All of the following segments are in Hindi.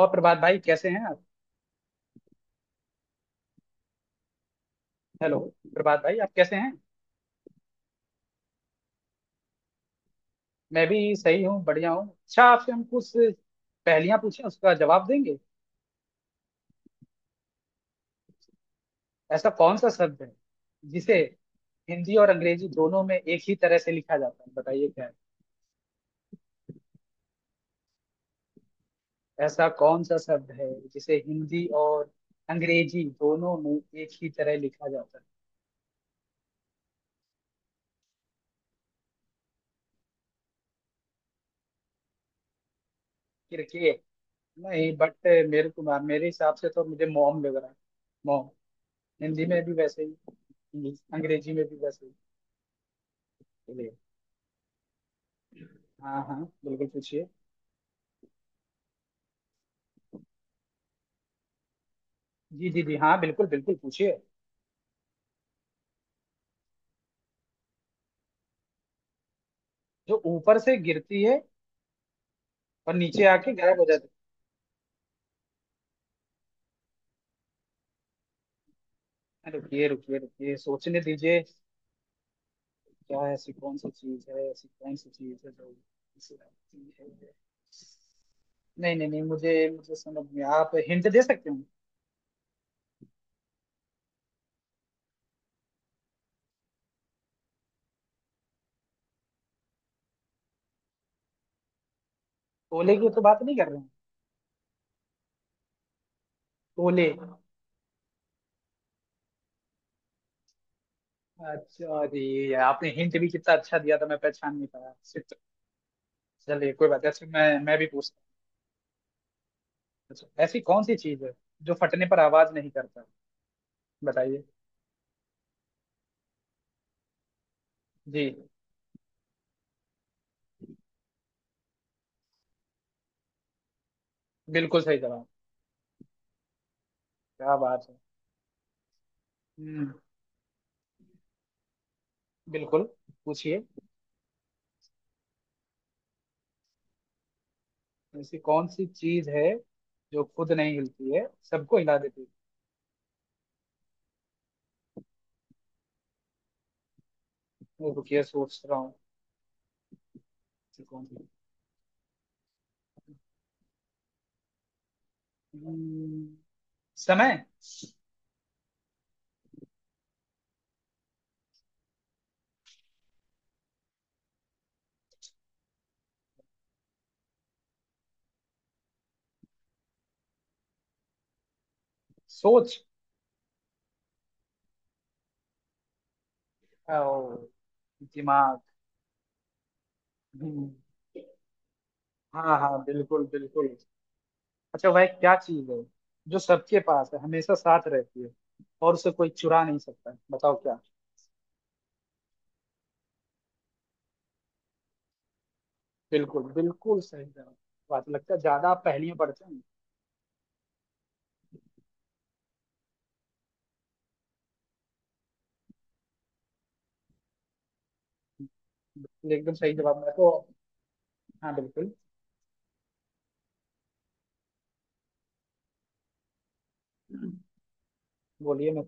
और प्रभात भाई कैसे हैं आप। हेलो। प्रभात भाई आप कैसे हैं। मैं भी सही हूँ, बढ़िया हूँ। अच्छा आपसे हम कुछ पहेलियां पूछें, उसका जवाब देंगे। ऐसा कौन सा शब्द है जिसे हिंदी और अंग्रेजी दोनों में एक ही तरह से लिखा जाता है, बताइए क्या है। ऐसा कौन सा शब्द है जिसे हिंदी और अंग्रेजी दोनों में एक ही तरह लिखा जाता है। क्रिकेट नहीं, बट मेरे को मेरे हिसाब से तो मुझे मॉम लग रहा है। मॉम हिंदी में भी वैसे ही, इंग्लिश- अंग्रेजी में भी वैसे ही। हाँ हाँ, बिल्कुल पूछिए। जी जी जी हाँ, बिल्कुल बिल्कुल पूछिए। जो ऊपर से गिरती है और नीचे आके गायब हो जाती है, रुकिए रुकिए रुकिए सोचने दीजिए। क्या है, ऐसी कौन सी चीज है, ऐसी कौन सी चीज है जो ऐसी चीज है? नहीं नहीं नहीं, मुझे मुझे समझ में, आप हिंट दे सकते हो। तोले की तो बात नहीं कर रहे हैं, तोले। अच्छा, अरे ये आपने हिंट भी कितना अच्छा दिया था, मैं पहचान नहीं पाया। Shit। चलिए कोई बात नहीं, अच्छा मैं भी पूछता हूँ। अच्छा, ऐसी कौन सी चीज है जो फटने पर आवाज नहीं करता, बताइए। जी, बिल्कुल सही जवाब। क्या बात है। हम्म। बिल्कुल पूछिए। ऐसी कौन सी चीज है जो खुद नहीं हिलती है, सबको हिला देती है, रुकिए सोच रहा हूँ। ऐसी कौन सी, हम्म, समय। सोच। ओ, दिमाग। हम्म, हाँ हाँ, बिल्कुल बिल्कुल। अच्छा, वह क्या चीज है जो सबके पास है, हमेशा साथ रहती है, और उसे कोई चुरा नहीं सकता, बताओ क्या। बिल्कुल बिल्कुल सही जवाब। बात लगता है ज्यादा आप पहेलियां पढ़ते हैं। बिल्कुल, एकदम सही जवाब। मैं तो, हाँ बिल्कुल, बोलिए। मैं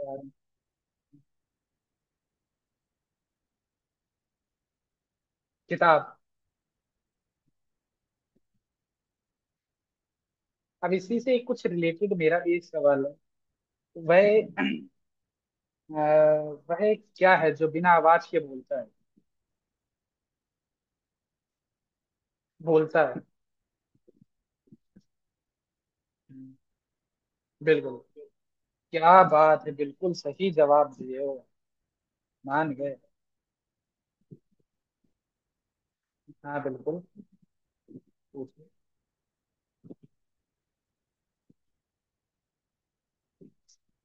अ, किताब। अब इसी से कुछ रिलेटेड मेरा भी एक सवाल है। वह, अ, वह क्या है जो बिना आवाज के बोलता है, बोलता है। हम्म, बिल्कुल, क्या बात है, बिल्कुल सही जवाब दिए हो, मान गए। हाँ बिल्कुल पूछिए।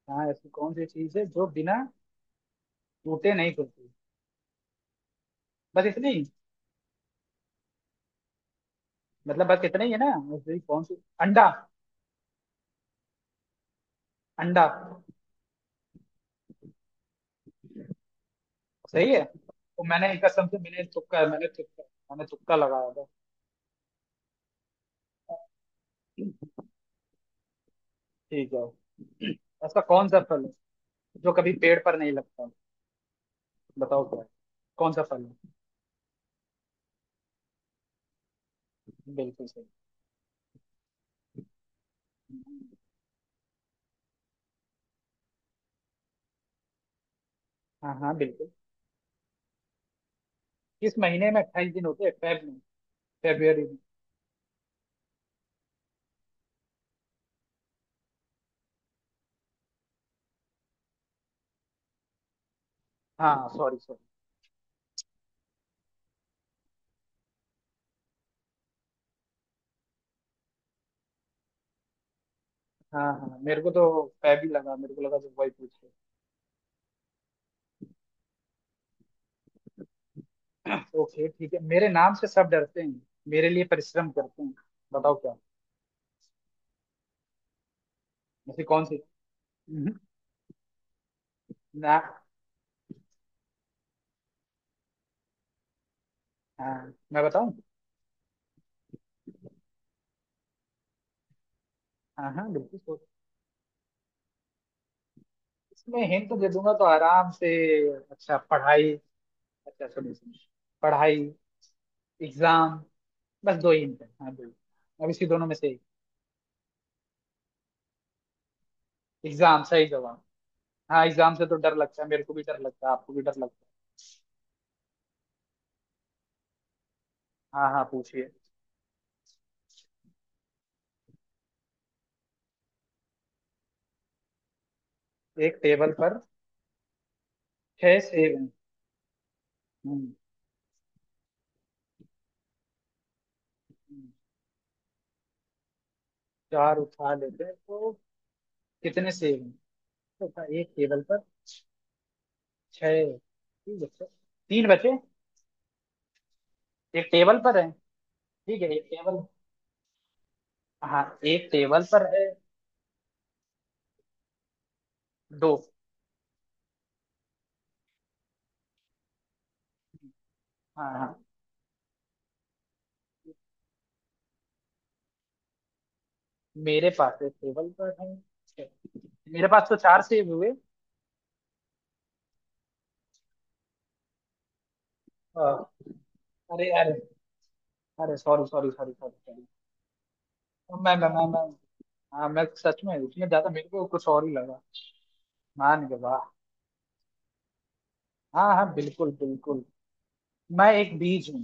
हाँ, ऐसी कौन सी चीज है जो बिना टूटे नहीं खुलती, बस इतनी, मतलब बस इतना ही है ना। ऐसी कौन सी, अंडा। अंडा सही है तो। मैंने एक, कसम से मैंने तुक्का, मैंने तुक्का लगाया था। ठीक है, ऐसा कौन सा फल है जो कभी पेड़ पर नहीं लगता, बताओ क्या है? कौन सा फल है। बिल्कुल सही। हाँ हाँ बिल्कुल। किस महीने में अट्ठाईस दिन होते हैं, फेब में, फेब्रुअरी में। हाँ सॉरी सॉरी। हाँ हाँ, मेरे को तो फेब ही लगा, मेरे को लगा जो वही पूछ रहे हो। ओके ठीक है। मेरे नाम से सब डरते हैं, मेरे लिए परिश्रम करते हैं, बताओ क्या। ऐसी कौन सी, हम्म, ना। हाँ मैं बताऊं। हाँ हाँ बिल्कुल, इसमें हिंट दे दूंगा तो आराम से। अच्छा, पढ़ाई। अच्छा सुनिए सुनिए, पढ़ाई, एग्जाम, बस दो ही hint है, हाँ दो ही, अब इसी दोनों में से एक, एग्जाम सही जवाब। हाँ, एग्जाम से तो डर लगता है, मेरे को भी डर लगता है, आपको भी डर लगता है। हाँ हाँ पूछिए। एक टेबल पर छह सेब हैं। हम्म, हम्म, चार उठा लेते हैं तो कितने सेब हैं, तो कहा, एक टेबल पर छह। ठीक है सर। तीन बचे, एक टेबल पर है। ठीक है एक टेबल, हाँ एक टेबल पर है। दो। हाँ हाँ, मेरे पास है, टेबल पर है, मेरे पास तो चार सेब हुए। अ, अरे अरे। अरे sorry sorry sorry sorry sorry. मैं, हाँ मैं सच में उसमें ज्यादा, मेरे को कुछ और ही लगा मान के, वाह। हाँ हाँ बिल्कुल बिल्कुल। मैं एक बीज हूँ,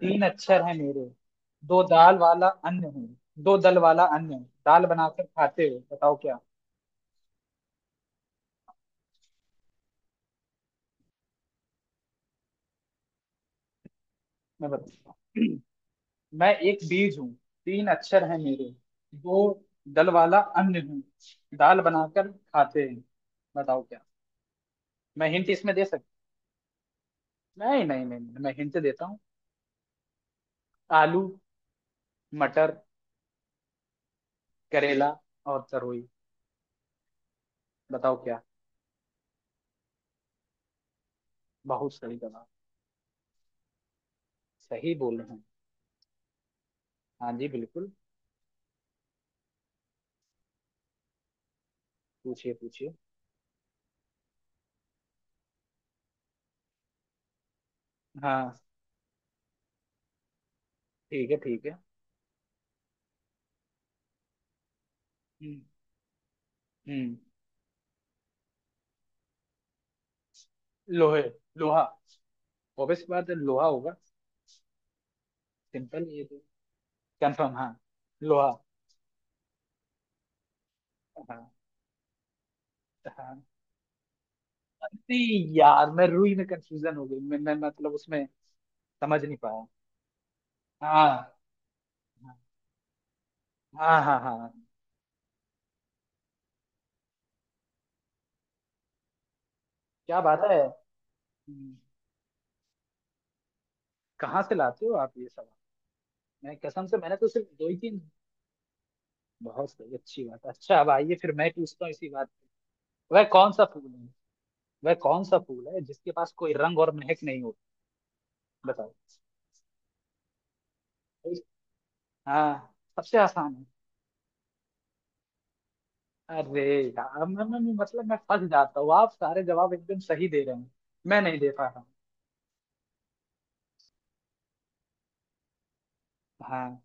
तीन अक्षर हैं मेरे, दो दाल वाला अन्न हूँ, दो दल वाला अन्न, दाल बनाकर खाते हो, बताओ क्या। मैं बताऊँ, मैं एक बीज हूँ, तीन अक्षर हैं मेरे, दो दल वाला अन्न हूँ, दाल बनाकर खाते हैं, बताओ क्या। मैं हिंट इसमें दे सकता। नहीं नहीं नहीं नहीं, मैं हिंट देता हूँ। आलू, मटर, करेला और तरोई, बताओ क्या। बहुत सही जवाब, सही बोल रहे हैं। हाँ जी बिल्कुल, पूछिए पूछिए। हाँ ठीक है ठीक है। हम्म। हम्म, लोहे, लोहा, ऑब्वियस बात है लोहा होगा। सिंपल ये तो, कंफर्म, हाँ लोहा। हाँ हाँ, अरे यार, मैं रूही में कंफ्यूजन हो गई, मैं मतलब उसमें समझ नहीं पाया। हाँ हाँ हाँ हाँ हाँ। क्या बात है। हम्म, कहाँ से लाते हो आप ये सब, मैं कसम से मैंने तो सिर्फ दो ही तीन। बहुत सही, अच्छी बात। अच्छा अब आइए, फिर मैं पूछता हूँ इसी बात पे। वह कौन सा फूल है, वह कौन सा फूल है जिसके पास कोई रंग और महक नहीं होती, बताओ। हाँ सबसे आसान है। अरे यार, मैं मतलब मैं फंस जाता हूँ, आप सारे जवाब एकदम सही दे रहे हैं, मैं नहीं दे पा रहा हूँ। हाँ,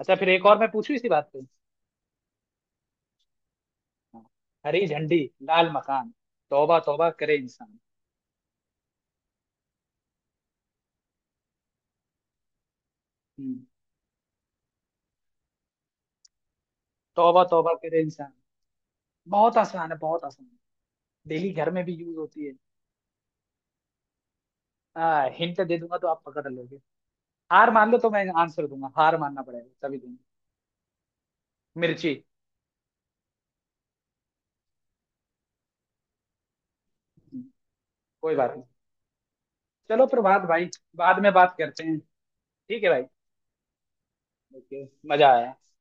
अच्छा फिर एक और मैं पूछूं इसी बात पे। हाँ। हरी झंडी, लाल मकान, तौबा तौबा करे इंसान। हम्म, तौबा तौबा करे इंसान, बहुत आसान है, बहुत आसान है, डेली घर में भी यूज होती है। हिंट दे दूंगा तो आप पकड़ लोगे, हार मान लो तो मैं आंसर दूंगा, हार मानना पड़ेगा तभी दूंगा। मिर्ची। हम्म, कोई बात नहीं, चलो प्रभात भाई, बाद में बात करते हैं, ठीक है भाई। ओके, मजा आया।